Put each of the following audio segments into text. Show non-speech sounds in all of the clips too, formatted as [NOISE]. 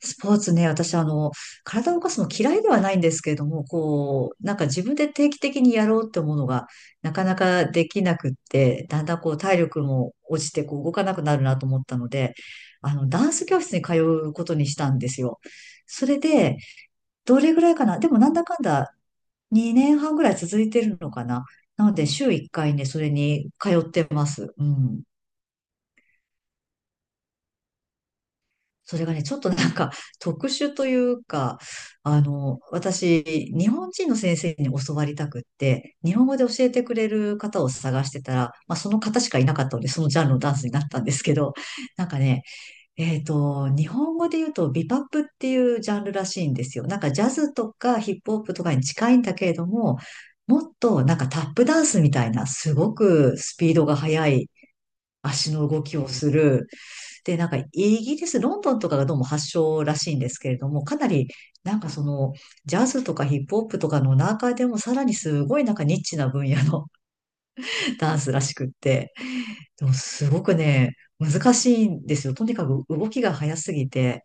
スポーツね、私、体を動かすの嫌いではないんですけれども、なんか自分で定期的にやろうって思うのが、なかなかできなくって、だんだん体力も落ちて、動かなくなるなと思ったので、ダンス教室に通うことにしたんですよ。それで、どれぐらいかな。でも、なんだかんだ2年半ぐらい続いてるのかな。なので、週1回ね、それに通ってます。うん。それがね、ちょっとなんか特殊というか、私、日本人の先生に教わりたくって、日本語で教えてくれる方を探してたら、まあその方しかいなかったので、そのジャンルのダンスになったんですけど、なんかね、日本語で言うとビパップっていうジャンルらしいんですよ。なんかジャズとかヒップホップとかに近いんだけれども、もっとなんかタップダンスみたいな、すごくスピードが速い足の動きをする、で、なんかイギリス、ロンドンとかがどうも発祥らしいんですけれども、かなりなんかそのジャズとかヒップホップとかの中でもさらにすごいなんかニッチな分野の [LAUGHS] ダンスらしくって、でもすごくね、難しいんですよ。とにかく動きが速すぎて、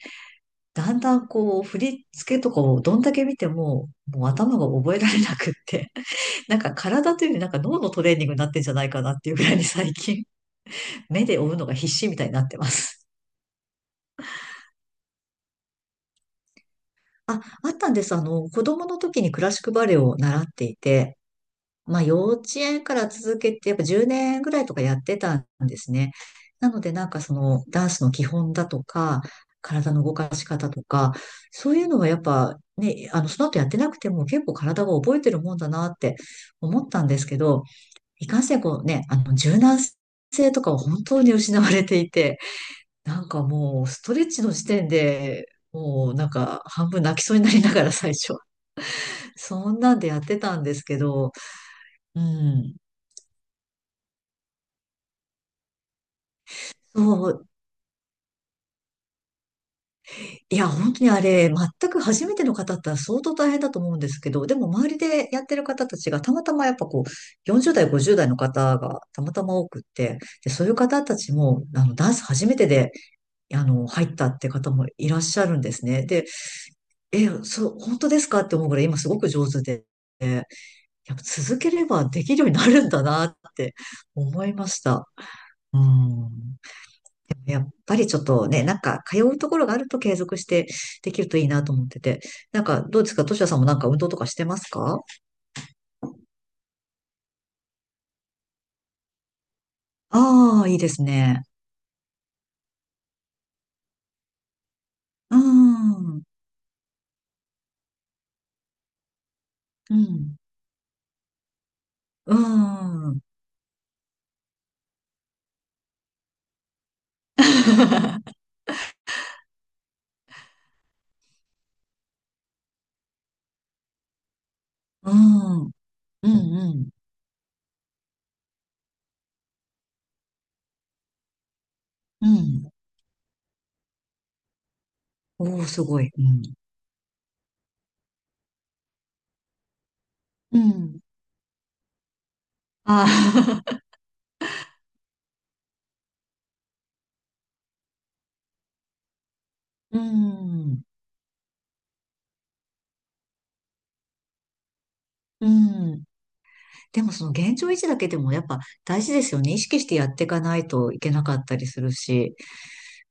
だんだん振り付けとかをどんだけ見ても、もう頭が覚えられなくって、[LAUGHS] なんか体というよりなんか脳のトレーニングになってんじゃないかなっていうぐらいに最近目で追うのが必死みたいになってます。あ、あったんです。子供の時にクラシックバレエを習っていて、まあ幼稚園から続けて、やっぱ10年ぐらいとかやってたんですね。なのでなんかそのダンスの基本だとか、体の動かし方とか、そういうのはやっぱね、その後やってなくても結構体が覚えてるもんだなって思ったんですけど、いかんせんこうね、柔軟性とかは本当に失われていて、なんかもう、ストレッチの時点で、もうなんか半分泣きそうになりながら最初。[LAUGHS] そんなんでやってたんですけど、うん。そう、いや、本当にあれ、全く初めての方だったら相当大変だと思うんですけど、でも周りでやってる方たちがたまたまやっぱ40代、50代の方がたまたま多くって、で、そういう方たちも、ダンス初めてで、入ったって方もいらっしゃるんですね。で、え、そう、本当ですかって思うぐらい今すごく上手で。やっぱ続ければできるようになるんだなって思いました。うん。でもやっぱりちょっとね、なんか通うところがあると継続してできるといいなと思ってて。なんかどうですか。としやさんもなんか運動とかしてますか？ああー、いいですね。うん。うん。うん。うん。うん。うん。うん。うん。おー、すごい。うん。うん。ああ。[LAUGHS] うん。うん。でもその現状維持だけでもやっぱ大事ですよね。意識してやっていかないといけなかったりするし。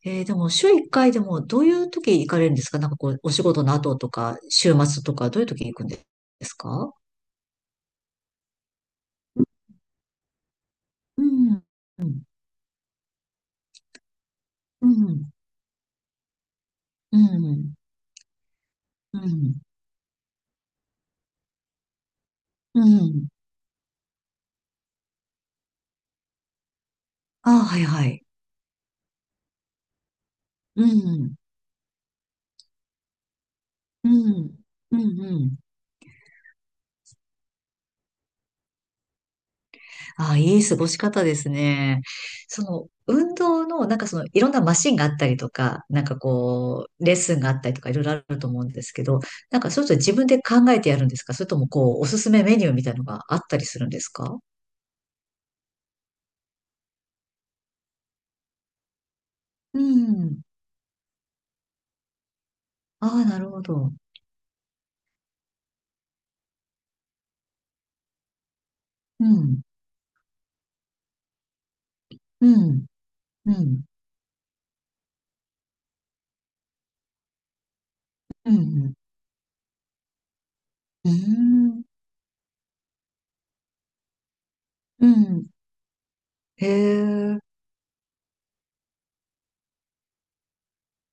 でも週1回でもどういう時行かれるんですか？なんかお仕事の後とか、週末とか、どういう時行くんですか？うん、うん、うん、うん、うん、うん。ああ、はいはい。うん、うん、うん、うん、ああ、いい過ごし方ですね。その、運動の、なんかその、いろんなマシンがあったりとか、なんかレッスンがあったりとか、いろいろあると思うんですけど、なんかそういうの自分で考えてやるんですか？それともおすすめメニューみたいのがあったりするんですか？うん。ああ、なるほど。うん。うん。うん。うん。うん。うん。へえ。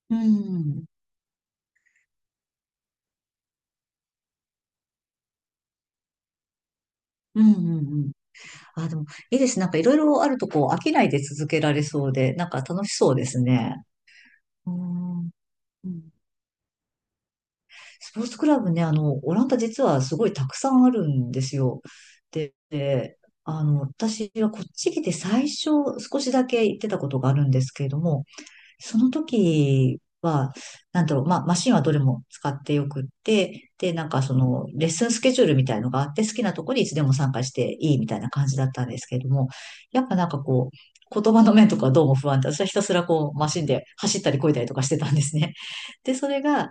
うん。うん。うん。あ、でも、いいです。なんかいろいろあると飽きないで続けられそうで、なんか楽しそうですね。うん。うん。スポーツクラブね、オランダ実はすごいたくさんあるんですよ。で私はこっち来て最初少しだけ行ってたことがあるんですけれども、その時は、なんだろう、まあ、マシンはどれも使ってよくって、で、なんかその、レッスンスケジュールみたいのがあって、好きなとこにいつでも参加していいみたいな感じだったんですけれども、やっぱなんか言葉の面とかどうも不安で、私はひたすらマシンで走ったり漕いだりとかしてたんですね。で、それが、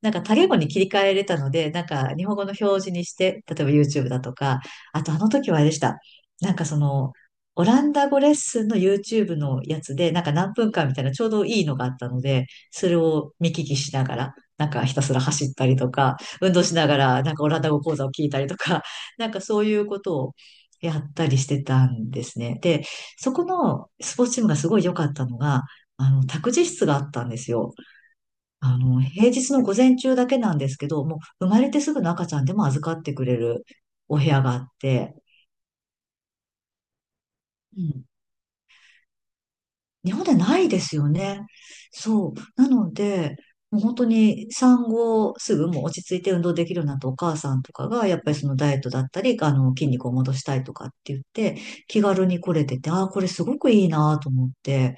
なんか多言語に切り替えれたので、なんか日本語の表示にして、例えば YouTube だとか、あとあの時はあれでした。なんかその、オランダ語レッスンの YouTube のやつで、なんか何分間みたいなちょうどいいのがあったので、それを見聞きしながら、なんかひたすら走ったりとか、運動しながら、なんかオランダ語講座を聞いたりとか、[LAUGHS] なんかそういうことをやったりしてたんですね。で、そこのスポーツチームがすごい良かったのが、託児室があったんですよ。平日の午前中だけなんですけど、もう生まれてすぐの赤ちゃんでも預かってくれるお部屋があって、うん。日本でないですよね。そう。なので、もう本当に産後すぐもう落ち着いて運動できるようになったお母さんとかが、やっぱりそのダイエットだったり、筋肉を戻したいとかって言って、気軽に来れてて、ああ、これすごくいいなと思って、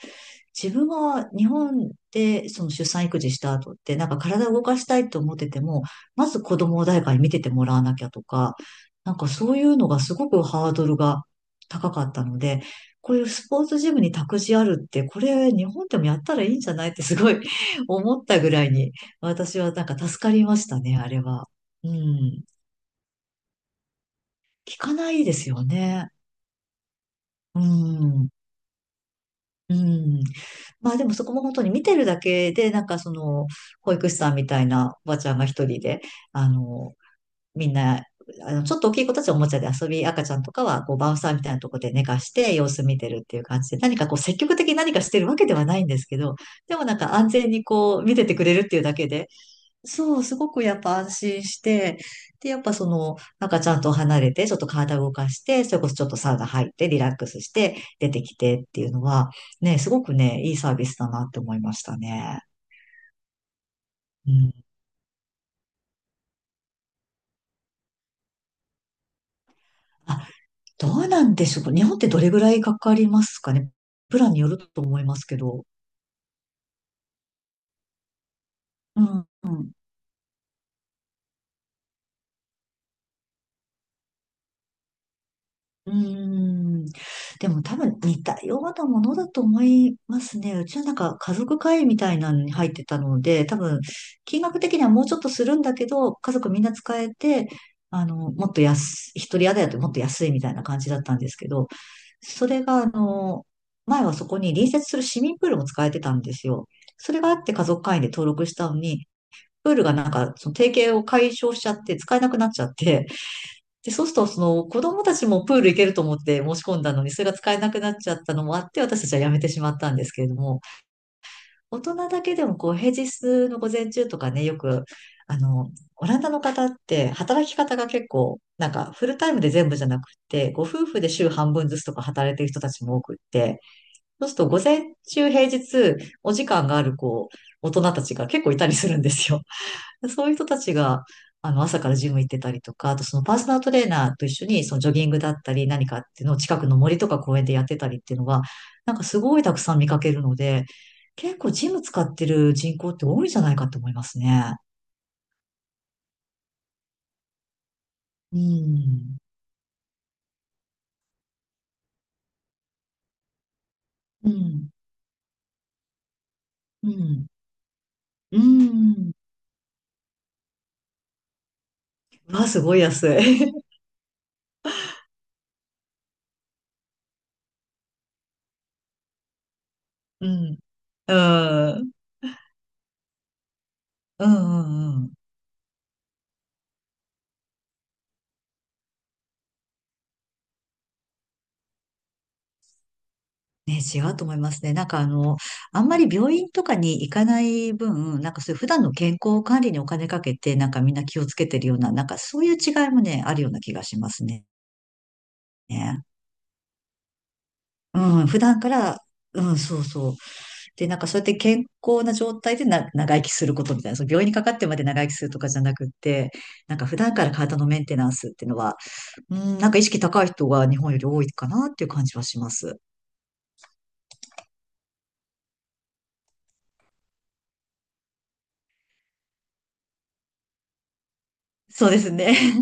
自分が日本でその出産育児した後って、なんか体を動かしたいと思ってても、まず子供を誰かに見ててもらわなきゃとか、なんかそういうのがすごくハードルが高かったので、こういうスポーツジムに託児あるって、これ日本でもやったらいいんじゃないってすごい [LAUGHS] 思ったぐらいに、私はなんか助かりましたね、あれは。うん。聞かないですよね。うん。うん。まあでもそこも本当に見てるだけで、なんかその、保育士さんみたいなおばちゃんが一人で、あの、みんな、ちょっと大きい子たちはおもちゃで遊び、赤ちゃんとかは、バウンサーみたいなところで寝かして様子見てるっていう感じで、何か積極的に何かしてるわけではないんですけど、でもなんか安全に見ててくれるっていうだけで、そう、すごくやっぱ安心して、で、やっぱその、なんかちゃんと離れて、ちょっと体を動かして、それこそちょっとサウナ入って、リラックスして、出てきてっていうのは、ね、すごくね、いいサービスだなって思いましたね。うん。あ、どうなんでしょうか。日本ってどれぐらいかかりますかね。プランによると思いますけど。うん。うんうーん。でも多分似たようなものだと思いますね。うちはなんか家族会議みたいなのに入ってたので、多分金額的にはもうちょっとするんだけど、家族みんな使えて、もっと安い、一人宿だともっと安いみたいな感じだったんですけど、それが前はそこに隣接する市民プールも使えてたんですよ。それがあって家族会員で登録したのに、プールがなんかその提携を解消しちゃって使えなくなっちゃって、で、そうすると、その子供たちもプール行けると思って申し込んだのに、それが使えなくなっちゃったのもあって、私たちはやめてしまったんですけれども、大人だけでも平日の午前中とかね、よく、あの、オランダの方って働き方が結構、なんかフルタイムで全部じゃなくて、ご夫婦で週半分ずつとか働いてる人たちも多くって、そうすると午前中平日お時間がある大人たちが結構いたりするんですよ。そういう人たちが、朝からジム行ってたりとか、あとそのパーソナルトレーナーと一緒に、そのジョギングだったり何かっていうのを近くの森とか公園でやってたりっていうのは、なんかすごいたくさん見かけるので、結構ジム使ってる人口って多いんじゃないかと思いますね。うん。うん。うん。うん。わあ、すごい安い。[LAUGHS] うん。うん。うん。うん。うんね、違うと思いますね。なんかあんまり病院とかに行かない分、なんかそういう普段の健康管理にお金かけて、なんかみんな気をつけてるような、なんかそういう違いもね、あるような気がしますね。うん、普段から、うん、そうそう。で、なんかそうやって健康な状態でな長生きすることみたいな、その病院にかかってまで長生きするとかじゃなくって、なんか普段から体のメンテナンスっていうのは、うん、なんか意識高い人が日本より多いかなっていう感じはします。そうですね。